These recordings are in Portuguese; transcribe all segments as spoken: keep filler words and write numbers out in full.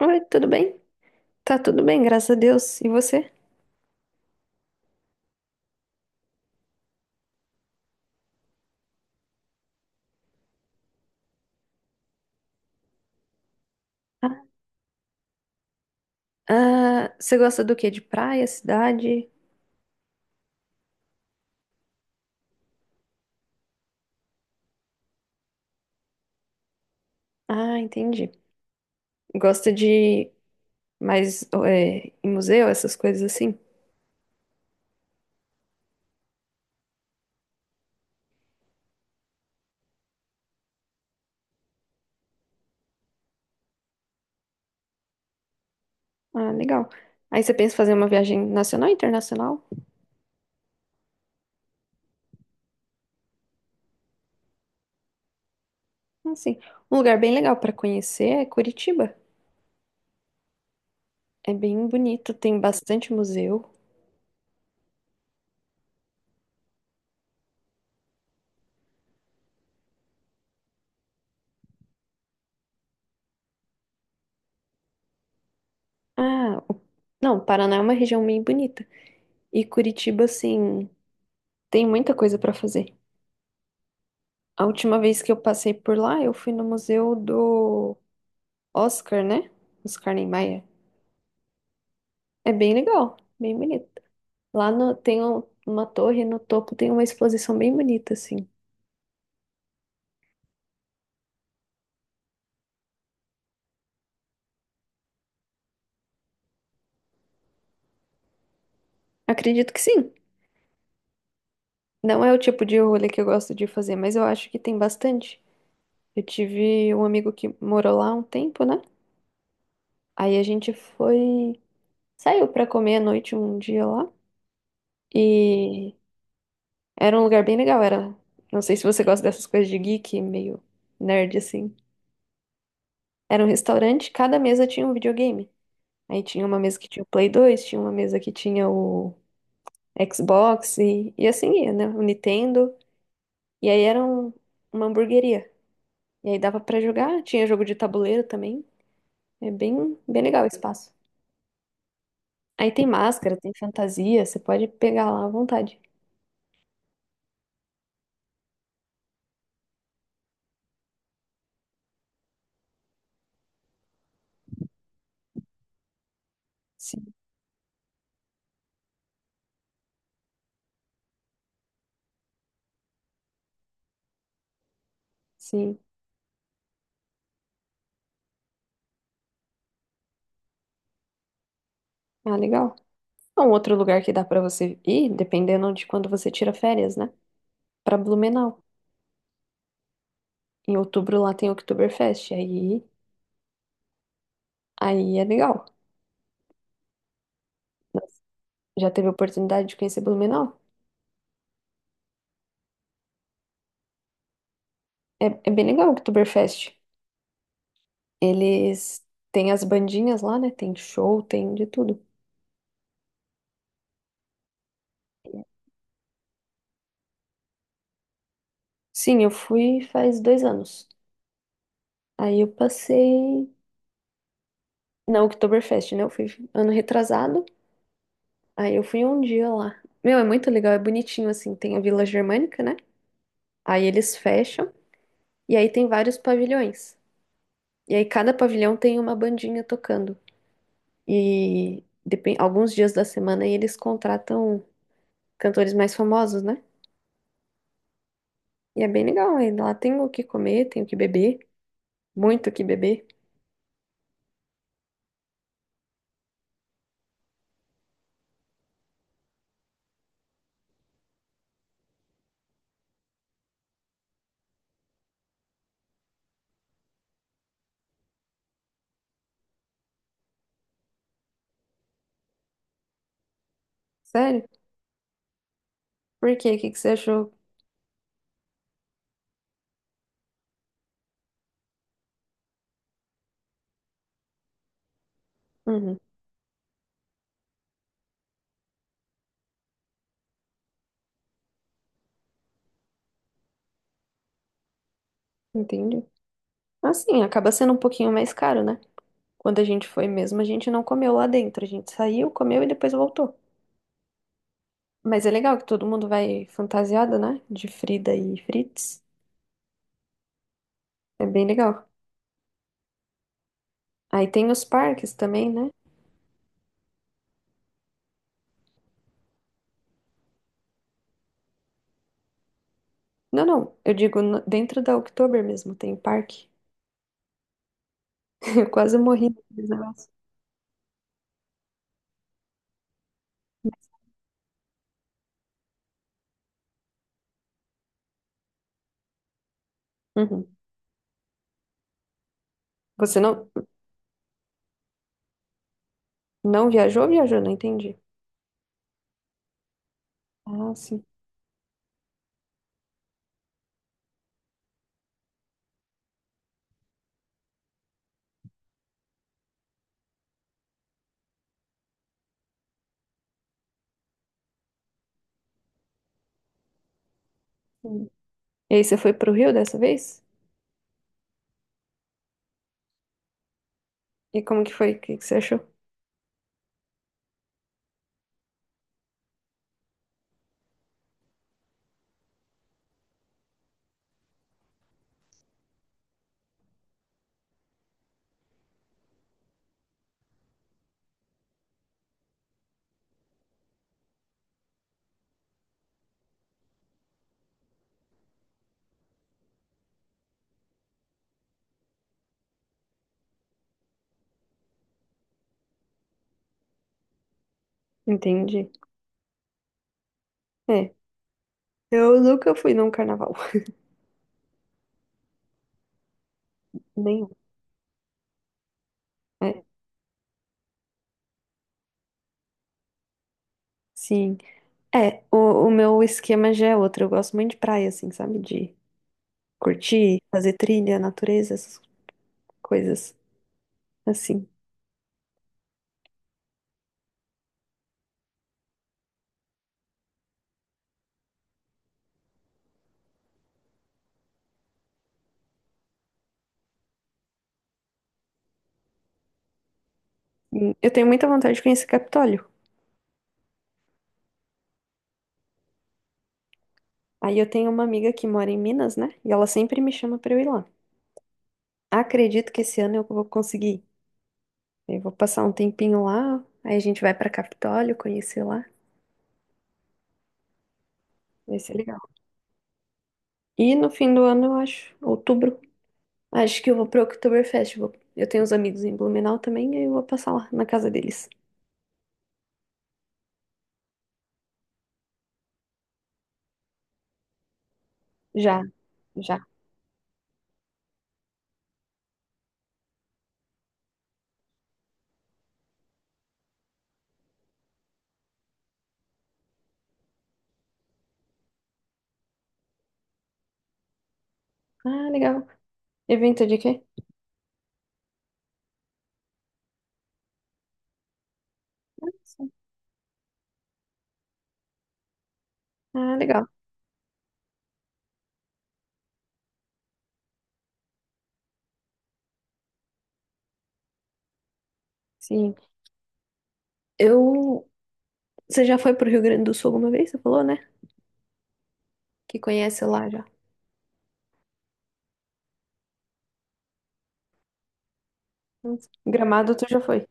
Oi, tudo bem? Tá tudo bem, graças a Deus. E você? Ah, ah, você gosta do quê? De praia, cidade? Ah, entendi. Gosta de mais é, em museu, essas coisas assim? Ah, legal. Aí você pensa em fazer uma viagem nacional, e internacional? Ah, sim. Um lugar bem legal pra conhecer é Curitiba. É bem bonito, tem bastante museu. Ah, o- não, Paraná é uma região bem bonita. E Curitiba, assim, tem muita coisa pra fazer. A última vez que eu passei por lá, eu fui no museu do Oscar, né? Oscar Niemeyer. É bem legal, bem bonito. Lá no- tem um- uma torre, no topo tem uma exposição bem bonita, assim. Acredito que sim. Não é o tipo de rolê que eu gosto de fazer, mas eu acho que tem bastante. Eu tive um amigo que morou lá um tempo, né? Aí a gente foi, saiu pra comer à noite um dia lá e era um lugar bem legal, era, não sei se você gosta dessas coisas de geek, meio nerd assim. Era um restaurante, cada mesa tinha um videogame. Aí tinha uma mesa que tinha o Play dois, tinha uma mesa que tinha o Xbox e, e assim ia, né? O Nintendo. E aí era um- uma hamburgueria. E aí dava pra jogar, tinha jogo de tabuleiro também. É bem, bem legal o espaço. Aí tem máscara, tem fantasia, você pode pegar lá à vontade. Sim, sim. Ah, legal. É um outro lugar que dá pra você ir, dependendo de quando você tira férias, né? Pra Blumenau. Em outubro lá tem Oktoberfest, aí, aí é legal, né? Já teve a oportunidade de conhecer Blumenau? É, é bem legal o Oktoberfest. Eles têm as bandinhas lá, né? Tem show, tem de tudo. Sim, eu fui faz dois anos. Aí eu passei na Oktoberfest, né? Eu fui ano retrasado. Aí eu fui um dia lá. Meu, é muito legal, é bonitinho assim. Tem a Vila Germânica, né? Aí eles fecham. E aí tem vários pavilhões. E aí cada pavilhão tem uma bandinha tocando. E depen- alguns dias da semana aí eles contratam cantores mais famosos, né? E é bem legal, aí lá tem o que comer, tem o que beber, muito o que beber. Sério? Por quê? O que que você achou? Uhum, entendi. Assim, acaba sendo um pouquinho mais caro, né? Quando a gente foi mesmo, a gente não comeu lá dentro. A gente saiu, comeu e depois voltou. Mas é legal que todo mundo vai fantasiado, né? De Frida e Fritz. É bem legal. Aí tem os parques também, né? Não, não. Eu digo no- dentro da Oktober mesmo, tem parque. Eu quase morri naqueles negócios. Uhum. Você não, não viajou? Viajou, não entendi. Ah, sim. Sim. E aí, você foi pro Rio dessa vez? E como que foi? O que que você achou? Entendi. É, eu nunca fui num carnaval. Nenhum. É, sim. É, o, o meu esquema já é outro. Eu gosto muito de praia, assim, sabe? De curtir, fazer trilha, natureza, essas coisas assim. E eu tenho muita vontade de conhecer Capitólio. Aí eu tenho uma amiga que mora em Minas, né? E ela sempre me chama pra eu ir lá. Acredito que esse ano eu vou conseguir. Eu vou passar um tempinho lá, aí a gente vai pra Capitólio, conhecer lá. Vai ser legal. E no fim do ano, eu acho, outubro, acho que eu vou pro Oktoberfest. Vou- Eu tenho uns amigos em Blumenau também, aí eu vou passar lá na casa deles. Já, já. Ah, legal. Evento de quê? Sim. Ah, legal. Sim. Eu. Você já foi pro Rio Grande do Sul alguma vez? Você falou, né? Que conhece lá já. Gramado, tu já foi?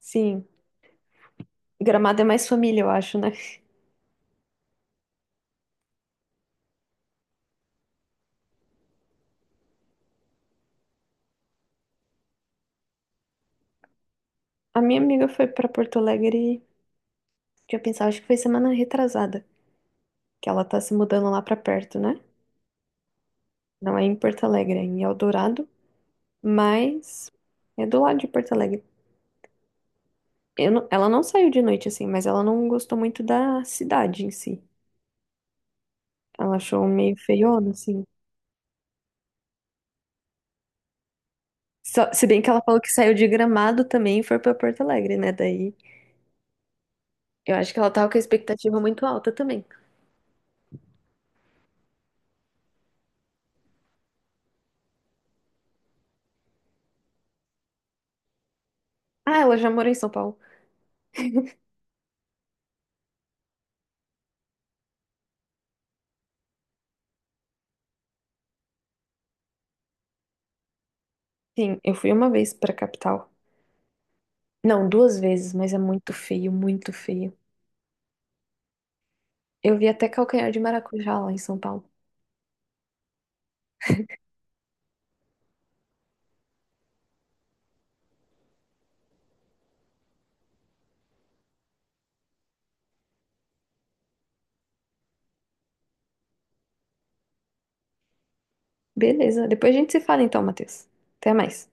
Sim. Gramado é mais família, eu acho, né? A minha amiga foi pra Porto Alegre, tinha pensado, acho que foi semana retrasada, que ela tá se mudando lá pra perto, né? Não é em Porto Alegre, é em Eldorado. Mas é do lado de Porto Alegre. Eu não- ela não saiu de noite assim, mas ela não gostou muito da cidade em si. Ela achou meio feiona, assim. Só- se bem que ela falou que saiu de Gramado também e foi pra Porto Alegre, né? Daí eu acho que ela tava com a expectativa muito alta também. Ah, ela já morou em São Paulo. Sim, eu fui uma vez pra capital. Não, duas vezes, mas é muito feio, muito feio. Eu vi até calcanhar de maracujá lá em São Paulo. Beleza, depois a gente se fala então, Matheus. Até mais.